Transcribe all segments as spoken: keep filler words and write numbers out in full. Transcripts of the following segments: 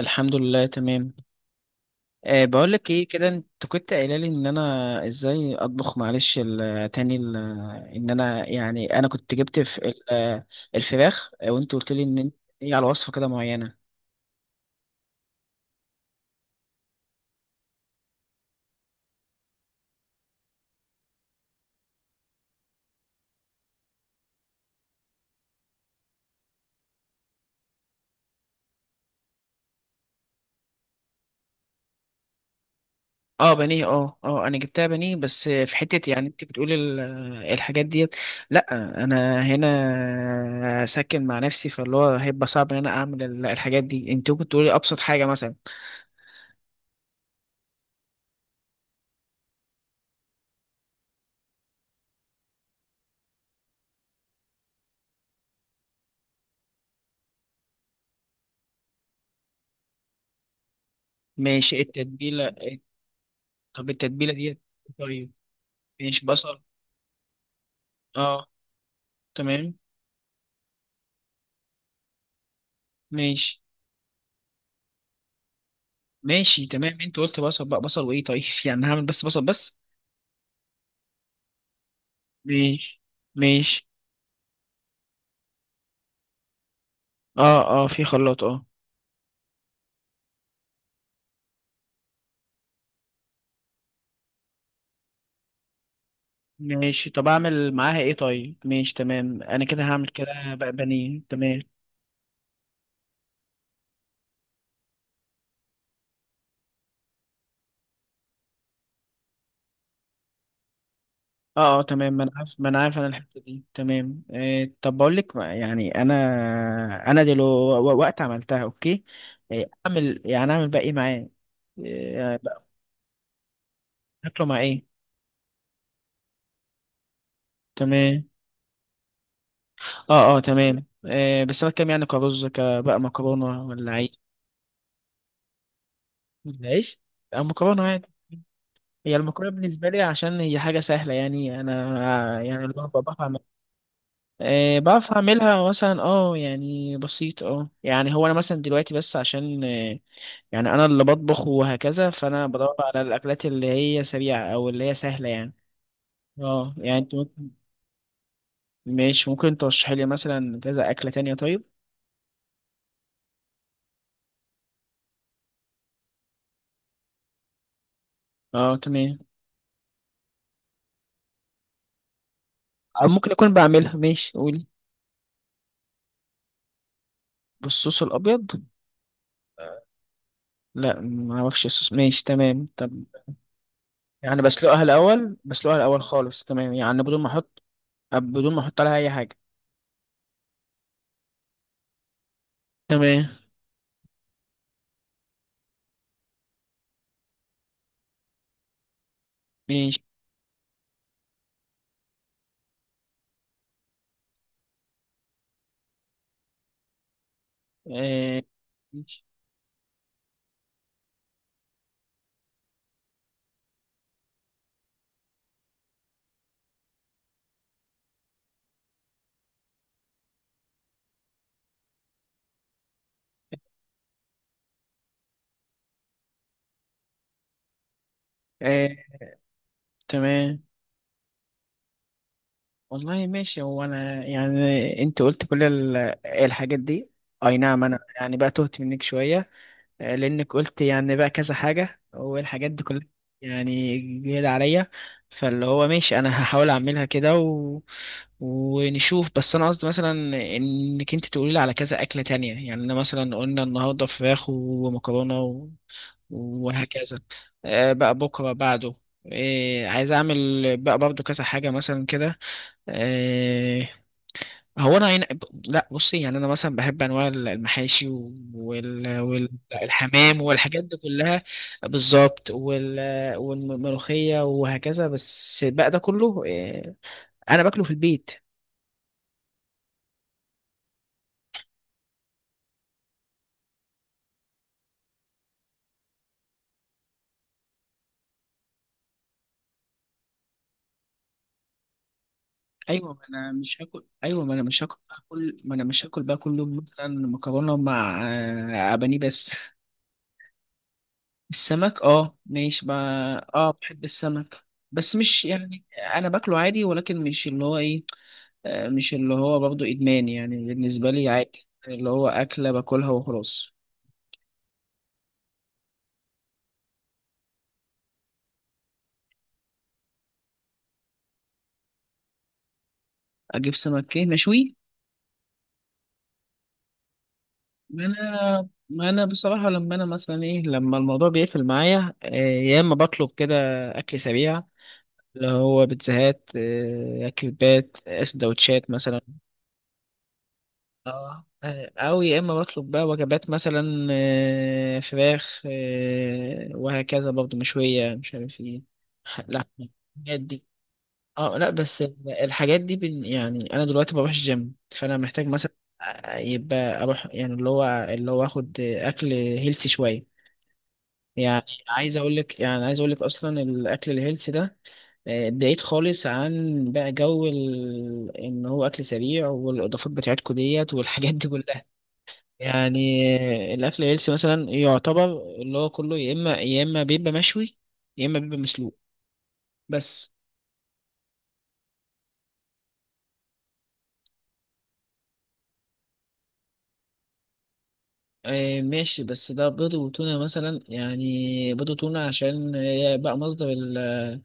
الحمد لله تمام. أه بقول لك ايه كده، انت كنت قايله لي ان انا ازاي اطبخ، معلش ال- تاني ال- ان انا يعني انا كنت جبت في ال- آه، الفراخ، آه، وانت قلت لي ان انت ايه على وصفه كده معينه. اه بانيه، اه اه انا جبتها بانيه، بس في حته يعني انت بتقولي ال- الحاجات ديت. لا انا هنا ساكن مع نفسي، فاللي هو هيبقى صعب ان انا اعمل ال- الحاجات دي، انت ممكن تقولي ابسط حاجه مثلا. ماشي التتبيله. طب التتبيله ديت. طيب ماشي بصل. اه تمام ماشي ماشي. تمام انت قلت بصل بقى، بصل وايه طيب، يعني هعمل بس بصل بس. ماشي ماشي. اه اه في خلاط اه. ماشي، طب اعمل معاها ايه طيب. ماشي تمام، انا كده هعمل كده بقى بانيه. تمام اه اه تمام. ما انا عارف ما انا عارف انا الحته دي تمام آه طب بقول لك ما- يعني انا انا دلوقتي وقت عملتها اوكي، آه، اعمل يعني اعمل بقى ايه معاه، آه، بقى- اكله مع ايه. تمام اه اه تمام. آه بس انا كام يعني، كرز كبقى مكرونه ولا عيش. العيش او مكرونه عادي. هي المكرونه بالنسبه لي عشان هي حاجه سهله، يعني انا، يعني اللي هو بعرف اعملها. آه بعرف اعملها مثلا، اه يعني بسيط، اه يعني هو انا مثلا دلوقتي بس عشان آه يعني انا اللي بطبخ وهكذا، فانا بدور على الاكلات اللي هي سريعه او اللي هي سهله يعني. اه يعني انت ممكن، ماشي ممكن ترشحي لي مثلا كذا اكله تانية طيب. اه تمام، أو ممكن اكون بعملها، ماشي قولي. بالصوص الابيض. لا ما اعرفش الصوص، ماشي تمام طب. يعني بسلقها الاول، بسلقها الاول خالص تمام، يعني بدون ما احط، بدون ما احط عليها اي حاجه. تمام ماشي. آه. ماشي. آه. تمام والله ماشي، هو انا يعني انت قلت كل ال- الحاجات دي. اي نعم انا يعني بقى تهت منك شويه، آه، لانك قلت يعني بقى كذا حاجه، والحاجات دي كلها يعني جديده عليا. فاللي هو ماشي، انا هحاول اعملها كده و... ونشوف. بس انا قصدي مثلا انك انت تقولي لي على كذا اكله تانية. يعني انا مثلا قلنا النهارده فراخ ومكرونه و... وهكذا. آه، بقى بكره بعده، آه، عايز اعمل بقى برضو كذا حاجه مثلا كده. آه، هو انا هنا، لا بصي، يعني انا مثلا بحب انواع المحاشي وال... وال... والحمام والحاجات دي كلها بالظبط، وال... والملوخيه وهكذا. بس بقى ده كله، آه، انا باكله في البيت. ايوه ما انا مش هاكل، ايوه ما انا مش هاكل هاكل، ما انا مش هاكل بقى كل يوم مثلا مكرونه مع، آه، بانيه بس. السمك اه ماشي، ما اه بحب السمك، بس مش يعني انا باكله عادي، ولكن مش اللي هو ايه، آه، مش اللي هو برضه إدمان يعني. بالنسبة لي عادي، اللي هو أكلة باكلها وخلاص. أجيب سمك إيه مشوي. ما أنا ما أنا بصراحة لما أنا مثلا إيه، لما الموضوع بيقفل معايا، آه، يا إما بطلب كده أكل سريع، اللي هو بيتزاهات، آه، كريبات، آه، سندوتشات مثلا. اه، آه، أو يا إما بطلب بقى وجبات مثلا، آه، فراخ، آه، وهكذا برضه مشوية، مش عارف إيه، لحمة. اه لا، بس الحاجات دي، بن يعني انا دلوقتي بروح الجيم، فانا محتاج مثلا، آه، يبقى اروح يعني اللي هو، اللي هو اخد اكل هيلسي شويه. يعني عايز اقول لك، يعني عايز اقول لك اصلا الاكل الهيلسي ده، آه، بعيد خالص عن بقى جو ال... ان هو اكل سريع، والاضافات بتاعتكم ديت والحاجات دي كلها يعني. آه، الاكل الهيلسي مثلا يعتبر اللي هو كله، يا اما يا اما بيبقى مشوي، يا اما بيبقى مسلوق بس. آه، ماشي، بس ده بيض وتونة مثلا يعني، بيض وتونة عشان آه، بقى مصدر ال- آه،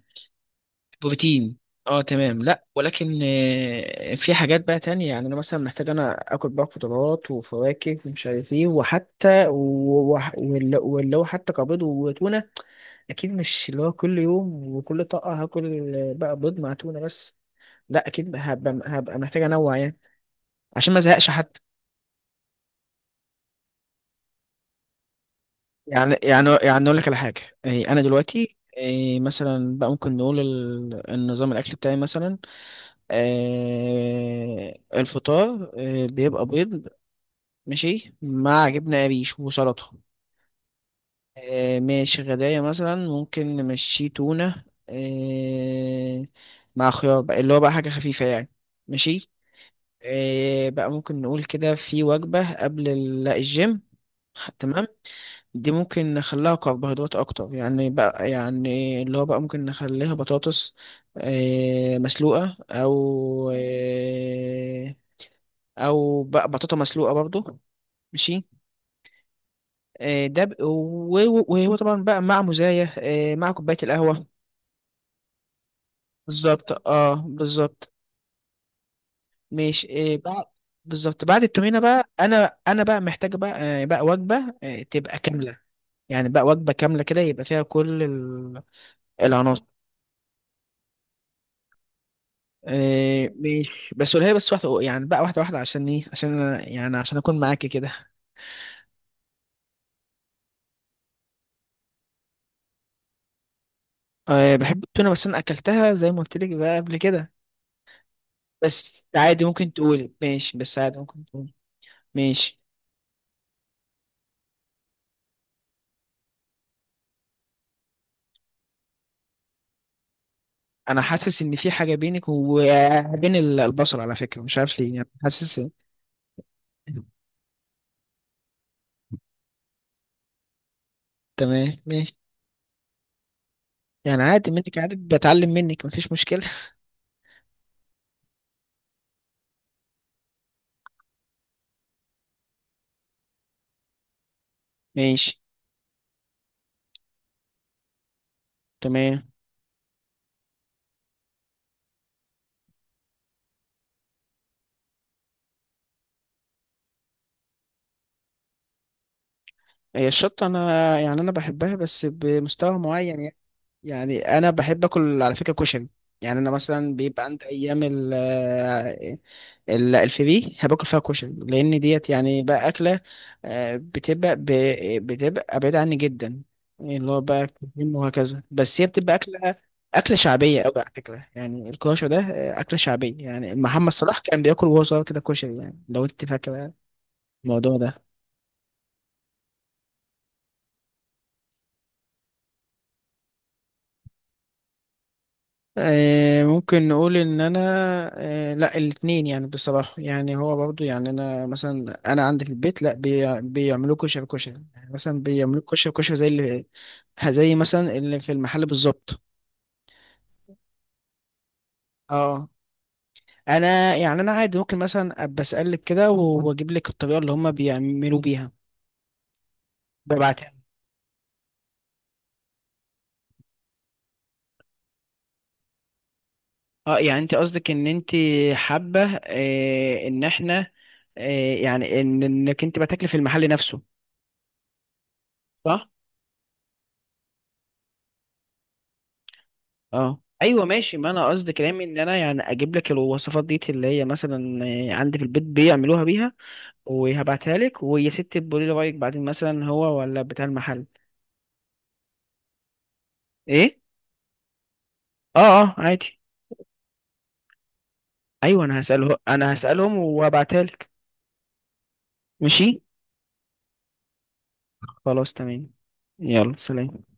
البروتين. اه تمام، لا ولكن آه، في حاجات بقى تانية. يعني انا مثلا محتاج انا اكل بقى خضروات وفواكه ومش عارف ايه، وحتى و- وح- واللي واللي هو حتى كبيض وتونة اكيد مش اللي هو كل يوم وكل طاقة هاكل، آه، بقى بيض مع تونة بس. لا اكيد هبقى، هبقى محتاج انوع يعني عشان ما ازهقش حتى. يعني يعني يعني اقول لك على حاجه. إيه، انا دلوقتي إيه، مثلا بقى ممكن نقول ال- النظام الاكل بتاعي مثلا. إيه، الفطار إيه، بيبقى بيض، ماشي مع جبنه قريش وسلطه. إيه، ماشي غدايا مثلا ممكن نمشيه تونه، إيه، مع خيار، بقى اللي هو بقى حاجه خفيفه يعني. ماشي. إيه، بقى ممكن نقول كده في وجبه قبل ال- الجيم. تمام، دي ممكن نخليها كربوهيدرات اكتر يعني، بقى يعني اللي هو بقى ممكن نخليها بطاطس، آه، مسلوقة او آه، او بقى بطاطا مسلوقة برضو. ماشي، آه، ده ب- و- و- وهو طبعا بقى مع مزايا، آه، مع كوباية القهوة. بالظبط اه بالظبط. ماشي، آه، بقى بالظبط، بعد التمرينة بقى انا، انا بقى محتاج بقى، آه، بقى وجبة، آه، تبقى كاملة. يعني بقى وجبة كاملة كده، يبقى فيها كل ال- العناصر. إيه ماشي، بس قولها لي بس واحدة، يعني بقى واحدة واحدة عشان ايه، عشان أنا يعني عشان أكون معاكي كده. إيه بحب التونة، بس أنا أكلتها زي ما قلت لك بقى قبل كده. بس عادي ممكن تقولي، ماشي بس عادي ممكن تقولي. ماشي، أنا حاسس إن في حاجة بينك وبين ال- البصل على فكرة، مش عارف ليه، يعني حاسس. تمام ماشي. يعني عادي منك، عادي بتعلم منك مفيش مشكلة. ماشي تمام. هي الشطة أنا، يعني أنا بحبها بس بمستوى معين يعني. يعني انا بحب اكل على فكره كشري. يعني انا مثلا بيبقى عند ايام ال آه، ال- الفري هباكل فيها كشري، لان ديت يعني بقى اكله، آه، بتبقى ب- بتبقى بعيده عني جدا. يعني اللي هو بقى كريم وهكذا، بس هي بتبقى اكله، اكله شعبيه قوي على فكره. يعني الكشري ده، آه، اكله شعبيه. يعني محمد صلاح كان بياكل وهو صغير كده كشري، يعني لو انت فاكره الموضوع ده. آه، ممكن نقول ان انا، آه، لا الاثنين يعني بصراحه، يعني هو برضو يعني انا مثلا، انا عندي في البيت لا بي- بيعملوا كشري كشري، يعني مثلا بيعملوا كشري كشري زي اللي زي مثلا اللي في المحل بالظبط. اه انا، يعني انا عادي ممكن مثلا ابقى اسالك كده واجيب لك الطريقه اللي هم بيعملوا بيها، ببعتها. اه يعني انت قصدك ان انت حابه، آه، ان احنا، آه، يعني ان انك انت بتاكلي في المحل نفسه. صح اه ايوه ماشي، ما انا قصدي كلامي ان انا يعني اجيب لك الوصفات دي اللي هي مثلا آه، عندي في البيت بيعملوها بيها، وهبعتها لك ويا ست تقولي لي رايك بعدين، مثلا هو ولا بتاع المحل. ايه اه اه عادي. ايوه انا هساله انا هسالهم وابعتها لك. ماشي خلاص تمام. يلا سلام.